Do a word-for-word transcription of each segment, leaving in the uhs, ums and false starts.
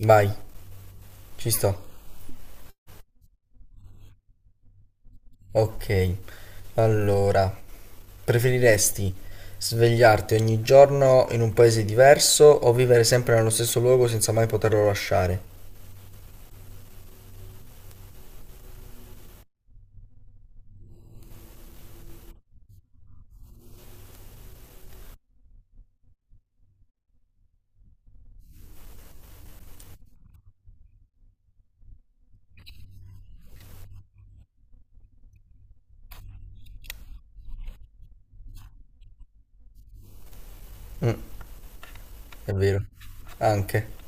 Vai, ci sto. Ok, allora, preferiresti svegliarti ogni giorno in un paese diverso o vivere sempre nello stesso luogo senza mai poterlo lasciare? Mm, è vero, anche.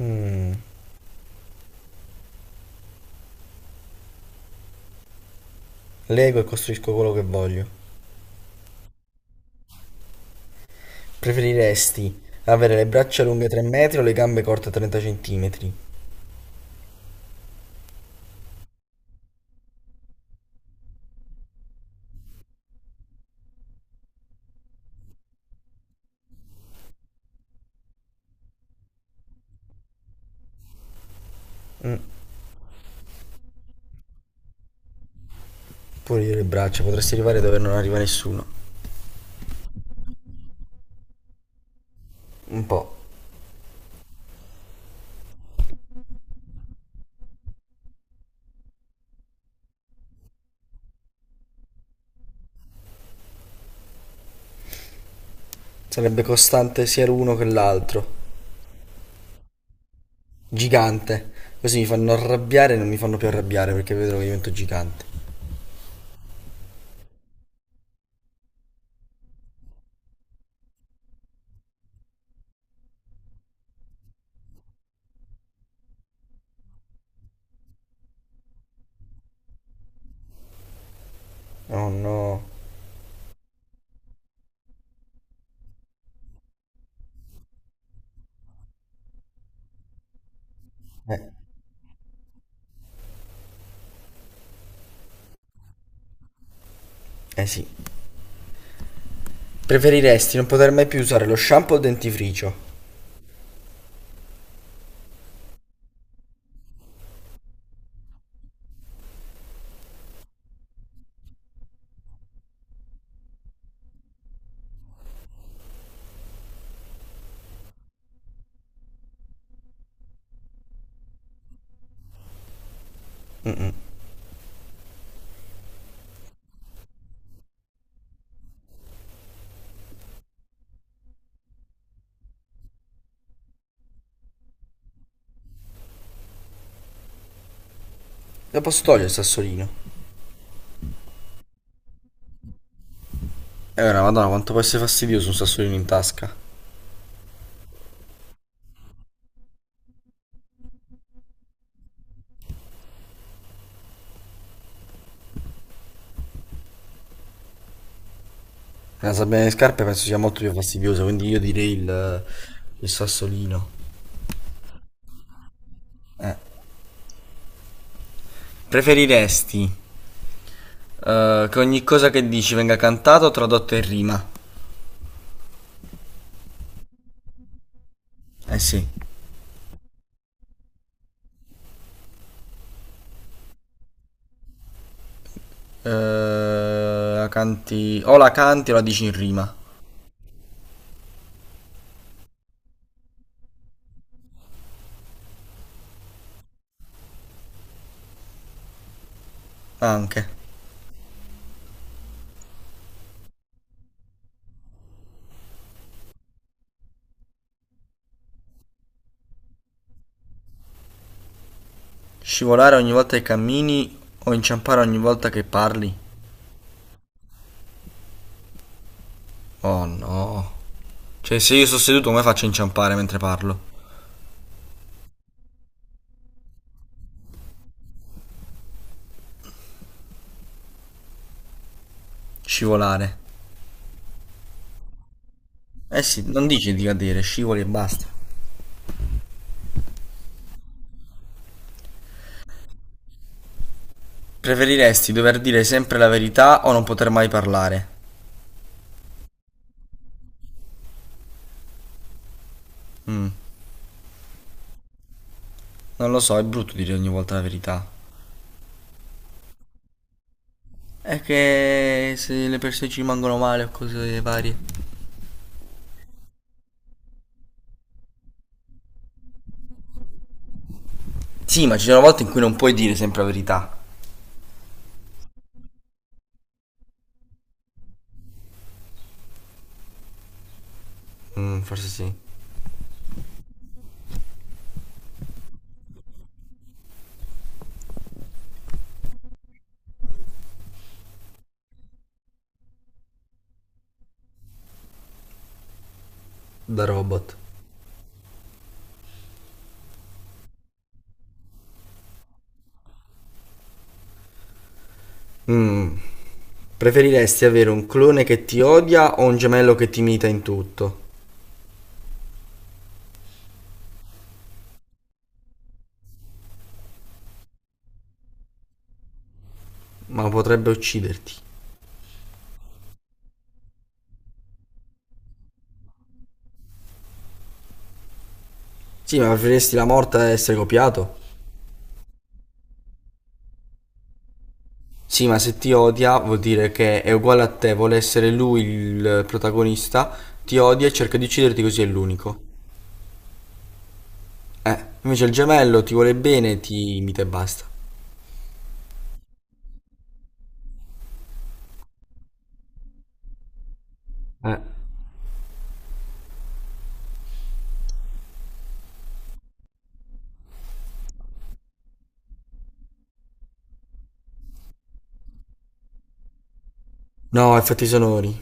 Mm, lego e costruisco quello che voglio. Preferiresti avere le braccia lunghe tre metri o le gambe corte trenta centimetri? Mm, pure io le braccia, potresti arrivare dove non arriva nessuno. Un po'. Sarebbe costante sia l'uno che l'altro. Gigante. Così mi fanno arrabbiare e non mi fanno più arrabbiare perché vedrò che divento gigante. Oh no. Eh, eh sì. Preferiresti non poter mai più usare lo shampoo o il dentifricio? Lo posso togliere il sassolino? Eh ora, madonna, quanto può essere fastidioso un sassolino in tasca. Una sabbia nelle scarpe penso sia molto più fastidiosa, quindi io direi il, il sassolino. Eh. Preferiresti eh, che ogni cosa che dici venga cantata o tradotta in rima? Eh sì. Eh, la canti... O la canti o la dici in rima. Anche. Scivolare ogni volta che cammini o inciampare ogni volta che parli? Oh no. Cioè, se io sto seduto, come faccio a inciampare mentre parlo? Scivolare. Eh sì, non dici di cadere, scivoli e basta. Preferiresti dover dire sempre la verità o non poter mai parlare? Mm, non lo so, è brutto dire ogni volta la verità. È che se le persone ci rimangono male o cose varie. Sì, ma ci sono volte in cui non puoi dire sempre la verità. Mm, forse sì. Da robot. Mm, preferiresti avere un clone che ti odia o un gemello che ti imita in tutto? Ma potrebbe ucciderti. Sì, ma preferiresti la morte a essere copiato? Sì, ma se ti odia vuol dire che è uguale a te, vuole essere lui il protagonista, ti odia e cerca di ucciderti così è l'unico. Eh, invece il gemello ti vuole bene, ti imita e basta. Eh. No, effetti sonori.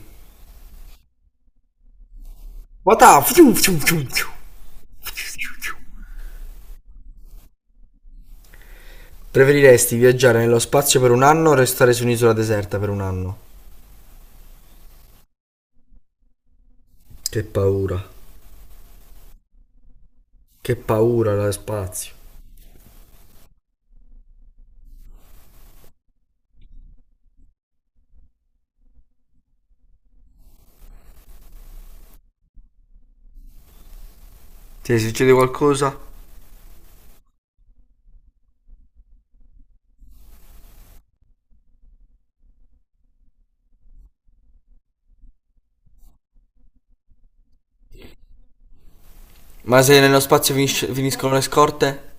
What up? Fiu, fiu, fiu, fiu. Preferiresti viaggiare nello spazio per un anno o restare su un'isola deserta per un anno? Che paura. Che paura la spazio. Ti succede qualcosa? Ma se nello spazio finisce- finiscono le scorte?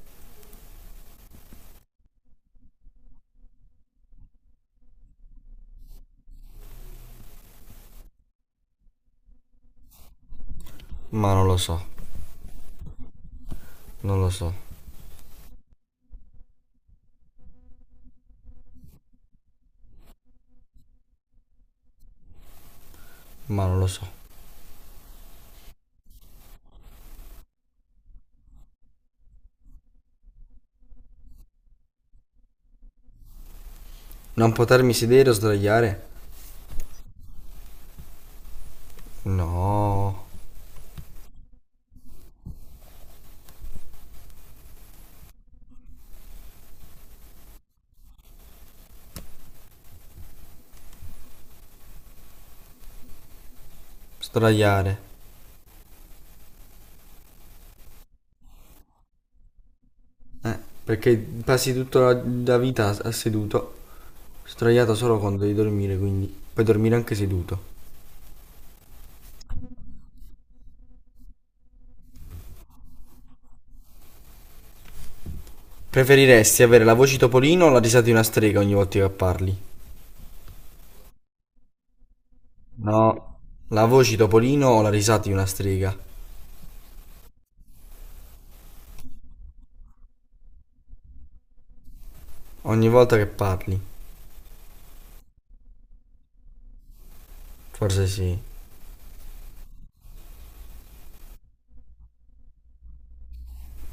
Ma non lo so, non lo so, ma non lo so. Non potermi sedere o sdraiare? No, sdraiare. Eh, perché passi tutta la, la vita a- a seduto, sdraiato solo quando devi dormire, quindi puoi dormire anche seduto. Preferiresti avere la voce Topolino o la risata di una strega ogni volta che parli? No, la voce Topolino o la risata di una strega ogni volta che parli? Forse sì.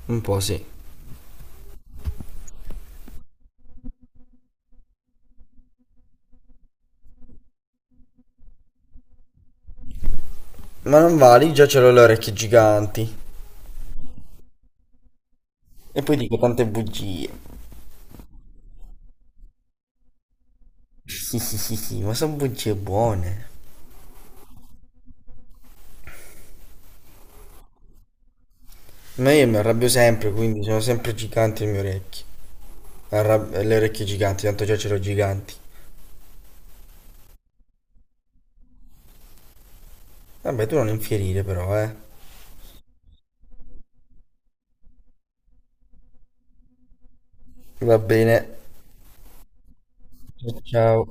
Un po' sì. Ma non vali, già ce l'ho le orecchie giganti. E poi dico tante bugie. Sì, sì, sì, sì, ma sono bugie buone. Ma io mi arrabbio sempre, quindi sono sempre giganti le mie orecchie. Arrab- le orecchie giganti, tanto già ce l'ho giganti. Vabbè, tu non infierire però, eh. Va bene. Ciao.